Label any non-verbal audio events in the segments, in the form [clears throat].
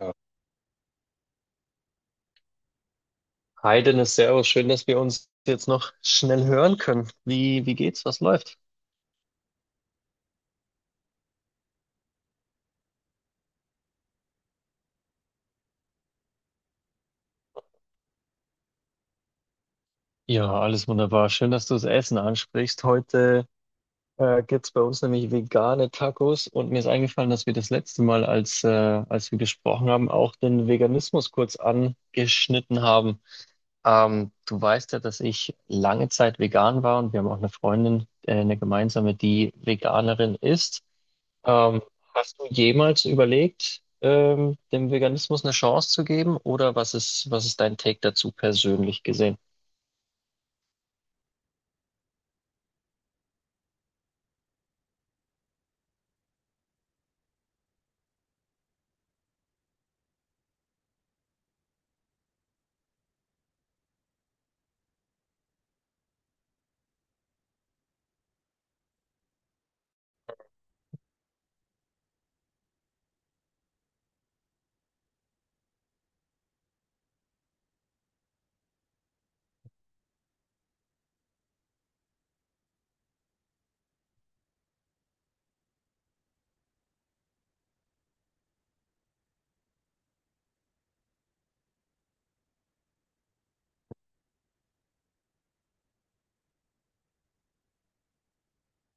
Ja. Hi Dennis, Servus, schön, dass wir uns jetzt noch schnell hören können. Wie geht's? Was läuft? Ja, alles wunderbar. Schön, dass du das Essen ansprichst. Heute gibt's bei uns nämlich vegane Tacos und mir ist eingefallen, dass wir das letzte Mal, als wir gesprochen haben, auch den Veganismus kurz angeschnitten haben. Du weißt ja, dass ich lange Zeit vegan war und wir haben auch eine Freundin, eine gemeinsame, die Veganerin ist. Ähm, hast du jemals überlegt, dem Veganismus eine Chance zu geben oder was ist dein Take dazu persönlich gesehen?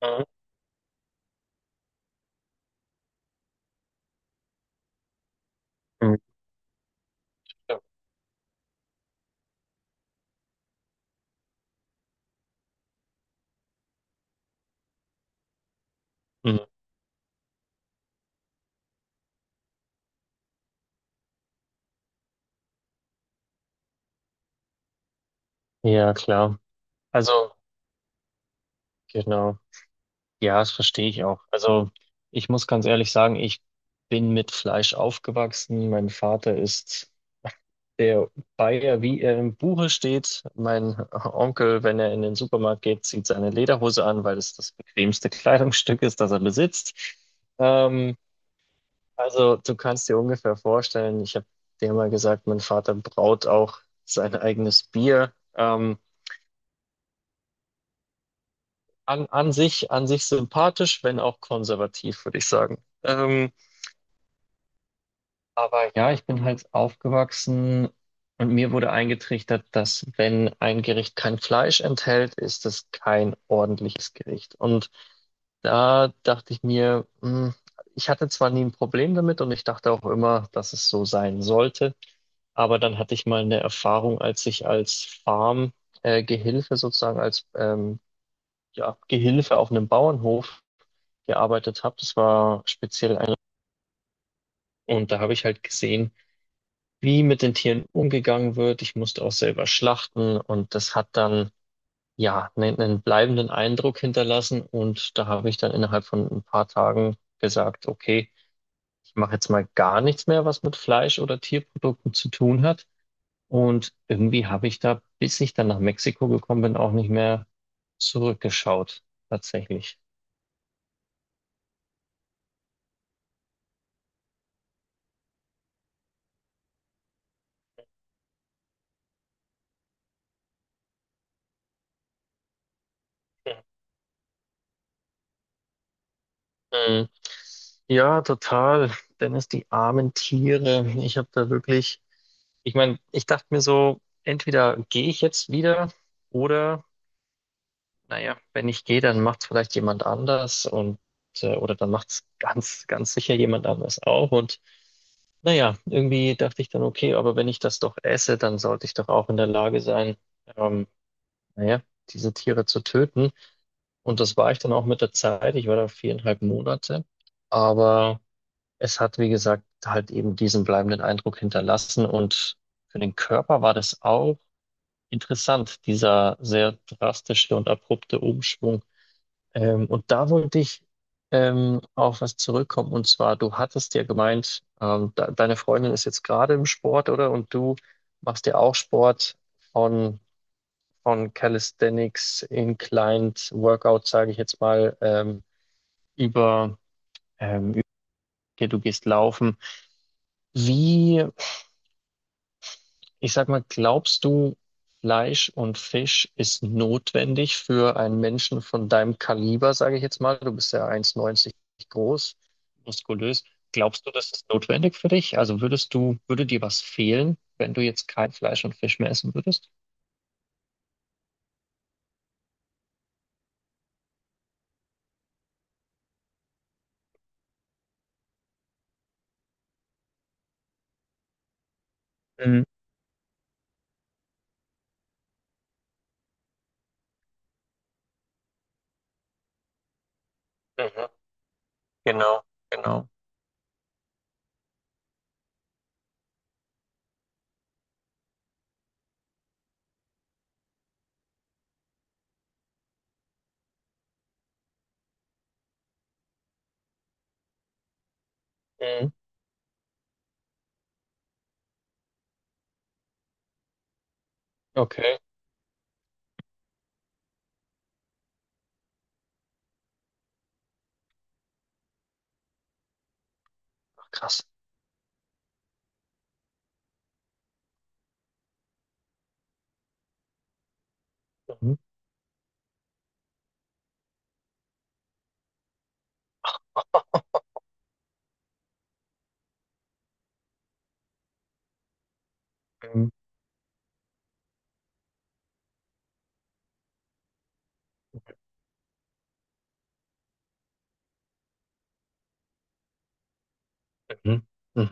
Mhm. Mhm. Mhm. Ja, klar. Also, genau. Ja, das verstehe ich auch. Also, ich muss ganz ehrlich sagen, ich bin mit Fleisch aufgewachsen. Mein Vater ist der Bayer, wie er im Buche steht, mein Onkel, wenn er in den Supermarkt geht, zieht seine Lederhose an, weil es das bequemste [laughs] Kleidungsstück ist, das er besitzt. Ähm, also du kannst dir ungefähr vorstellen, ich habe dir mal gesagt, mein Vater braut auch sein eigenes Bier. An sich sympathisch, wenn auch konservativ, würde ich sagen. Ähm, Aber ja, ich bin halt aufgewachsen und mir wurde eingetrichtert, dass wenn ein Gericht kein Fleisch enthält, ist es kein ordentliches Gericht. Und da dachte ich mir, ich hatte zwar nie ein Problem damit und ich dachte auch immer, dass es so sein sollte, aber dann hatte ich mal eine Erfahrung, als ich als Farm, Gehilfe sozusagen, als ja, Gehilfe auf einem Bauernhof gearbeitet habe. Das war speziell ein, und da habe ich halt gesehen, wie mit den Tieren umgegangen wird. Ich musste auch selber schlachten und das hat dann ja einen bleibenden Eindruck hinterlassen. Und da habe ich dann innerhalb von ein paar Tagen gesagt, okay, ich mache jetzt mal gar nichts mehr, was mit Fleisch oder Tierprodukten zu tun hat. Und irgendwie habe ich da, bis ich dann nach Mexiko gekommen bin, auch nicht mehr zurückgeschaut, tatsächlich. Mhm. Ja, total. Dennis, die armen Tiere. Ich habe da wirklich, ich meine, ich dachte mir so, entweder gehe ich jetzt wieder oder, naja, wenn ich gehe, dann macht es vielleicht jemand anders und oder dann macht es ganz, ganz sicher jemand anders auch. Und naja, irgendwie dachte ich dann, okay, aber wenn ich das doch esse, dann sollte ich doch auch in der Lage sein, ähm, naja, diese Tiere zu töten. Und das war ich dann auch mit der Zeit. Ich war da viereinhalb Monate. Aber es hat, wie gesagt, halt eben diesen bleibenden Eindruck hinterlassen und für den Körper war das auch interessant, dieser sehr drastische und abrupte Umschwung. Und da wollte ich auf was zurückkommen und zwar, du hattest ja gemeint, de deine Freundin ist jetzt gerade im Sport, oder? Und du machst ja auch Sport von, von Calisthenics, Inclined Workout, sage ich jetzt mal, über, ähm, okay, du gehst laufen. Wie Ich sag mal, glaubst du, Fleisch und Fisch ist notwendig für einen Menschen von deinem Kaliber, sage ich jetzt mal? Du bist ja 1,90 groß, muskulös. Glaubst du, das ist notwendig für dich? Also würdest du, würde dir was fehlen, wenn du jetzt kein Fleisch und Fisch mehr essen würdest? Mhm. Mhm. Genau, genau. Mhm. Okay. Ach, krass. Mhm. Mhm. Mhm.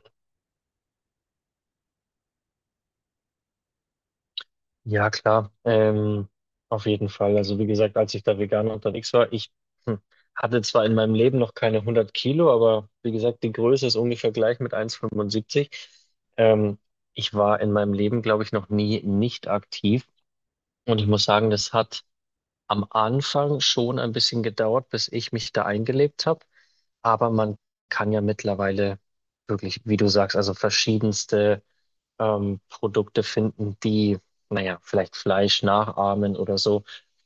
Ja, klar. Auf jeden Fall. Also wie gesagt, als ich da vegan unterwegs war, ich hm, hatte zwar in meinem Leben noch keine 100 Kilo, aber wie gesagt, die Größe ist ungefähr gleich mit 1,75. Ähm, ich war in meinem Leben, glaube ich, noch nie nicht aktiv. Und ich muss sagen, das hat am Anfang schon ein bisschen gedauert, bis ich mich da eingelebt habe. Aber man kann ja mittlerweile wirklich, wie du sagst, also verschiedenste Produkte finden, die, naja, vielleicht Fleisch nachahmen oder so.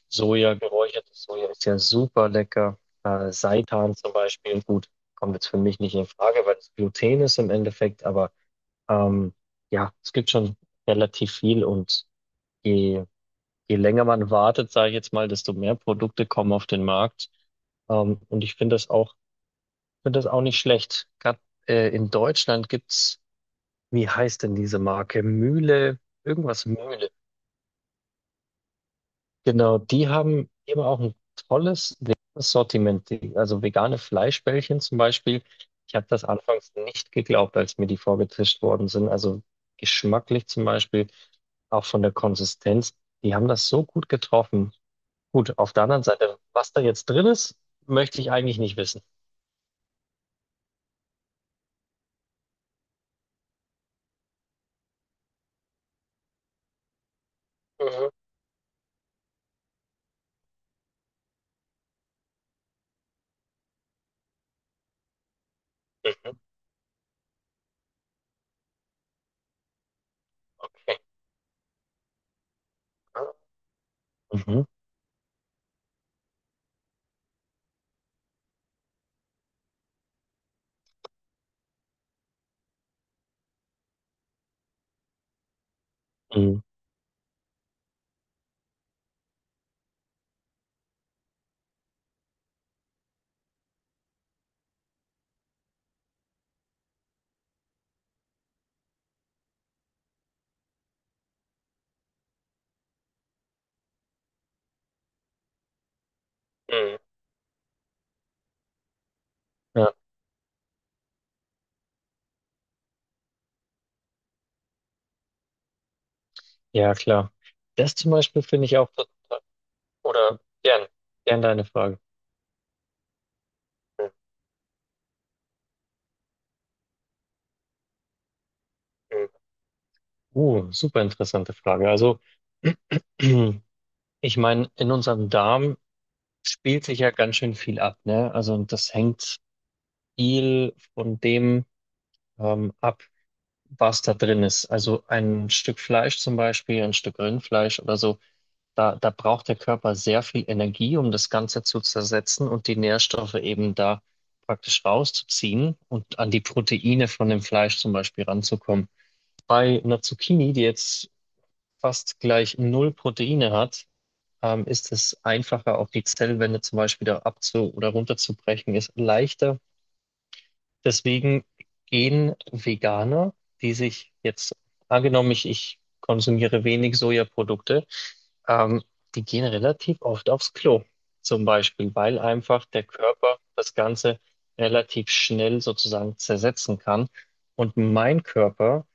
Soja, geräuchertes Soja ist ja super lecker. Seitan zum Beispiel, gut, kommt jetzt für mich nicht in Frage, weil es Gluten ist im Endeffekt, aber ähm, ja, es gibt schon relativ viel und je, je länger man wartet, sage ich jetzt mal, desto mehr Produkte kommen auf den Markt. Und ich finde das auch nicht schlecht. Gerade in Deutschland gibt's – wie heißt denn diese Marke? Mühle, irgendwas Mühle. Genau, die haben eben auch ein tolles veganes Sortiment, also vegane Fleischbällchen zum Beispiel. Ich habe das anfangs nicht geglaubt, als mir die vorgetischt worden sind. Also geschmacklich zum Beispiel, auch von der Konsistenz. Die haben das so gut getroffen. Gut, auf der anderen Seite, was da jetzt drin ist, möchte ich eigentlich nicht wissen. Mhm. Mhm. Mhm. Mhm. Mhm. Ja, ja, klar. Das zum Beispiel finde ich auch total. Oder gern, gern deine Frage. Mhm. Super interessante Frage. Also, [clears throat] ich meine, in unserem Darm spielt sich ja ganz schön viel ab, ne? Also, und das hängt viel von dem ab, was da drin ist. Also, ein Stück Fleisch zum Beispiel, ein Stück Rindfleisch oder so, da braucht der Körper sehr viel Energie, um das Ganze zu zersetzen und die Nährstoffe eben da praktisch rauszuziehen und an die Proteine von dem Fleisch zum Beispiel ranzukommen. Bei einer Zucchini, die jetzt fast gleich null Proteine hat, ist es einfacher, auch die Zellwände zum Beispiel da abzu- oder runterzubrechen, ist leichter. Deswegen gehen Veganer, die sich jetzt, angenommen, ich konsumiere wenig Sojaprodukte, ähm, die gehen relativ oft aufs Klo, zum Beispiel, weil einfach der Körper das Ganze relativ schnell sozusagen zersetzen kann. Und mein Körper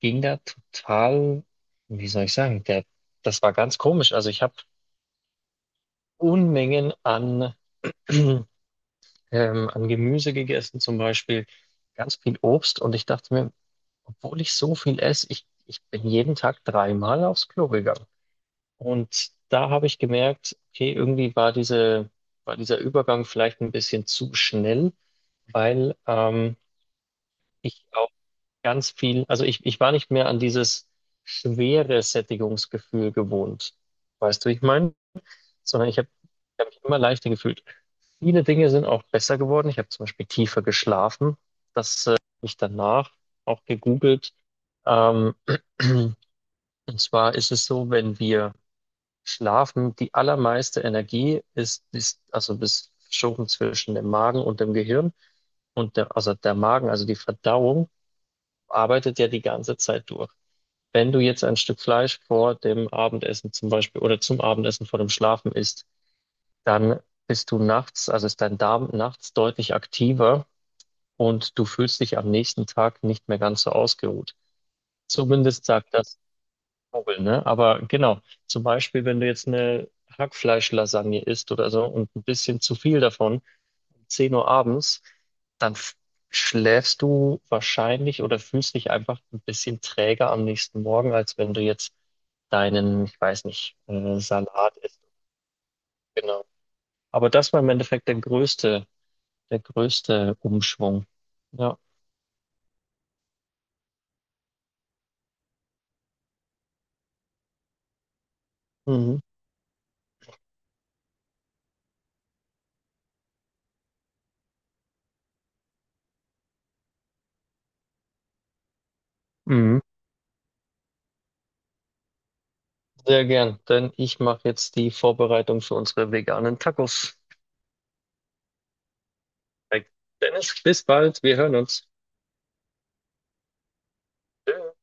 ging da total, wie soll ich sagen, das war ganz komisch. Also ich habe Unmengen an, [clears throat] ähm, an Gemüse gegessen, zum Beispiel ganz viel Obst. Und ich dachte mir, obwohl ich so viel esse, ich bin jeden Tag dreimal aufs Klo gegangen. Und da habe ich gemerkt, okay, irgendwie war dieser Übergang vielleicht ein bisschen zu schnell, weil ich auch ganz viel, also ich war nicht mehr an dieses schwere Sättigungsgefühl gewohnt. Weißt du, wie ich meine? Sondern ich habe hab ich hab mich immer leichter gefühlt. Viele Dinge sind auch besser geworden. Ich habe zum Beispiel tiefer geschlafen. Das habe ich danach auch gegoogelt. Ähm, [clears throat] und zwar ist es so, wenn wir schlafen, die allermeiste Energie ist also bis verschoben zwischen dem Magen und dem Gehirn. Und der, also der Magen, also die Verdauung, arbeitet ja die ganze Zeit durch. Wenn du jetzt ein Stück Fleisch vor dem Abendessen zum Beispiel oder zum Abendessen vor dem Schlafen isst, dann bist du nachts, also ist dein Darm nachts deutlich aktiver und du fühlst dich am nächsten Tag nicht mehr ganz so ausgeruht. Zumindest sagt das Google, ne? Aber genau, zum Beispiel, wenn du jetzt eine Hackfleischlasagne isst oder so und ein bisschen zu viel davon, 10 Uhr abends, dann schläfst du wahrscheinlich oder fühlst dich einfach ein bisschen träger am nächsten Morgen, als wenn du jetzt deinen, ich weiß nicht, Salat isst. Genau. Aber das war im Endeffekt der größte Umschwung. Ja. Mhm. Mhm. Sehr gern, denn ich mache jetzt die Vorbereitung für unsere veganen Tacos. Perfekt. Dennis, bis bald, wir hören uns. Tschüss.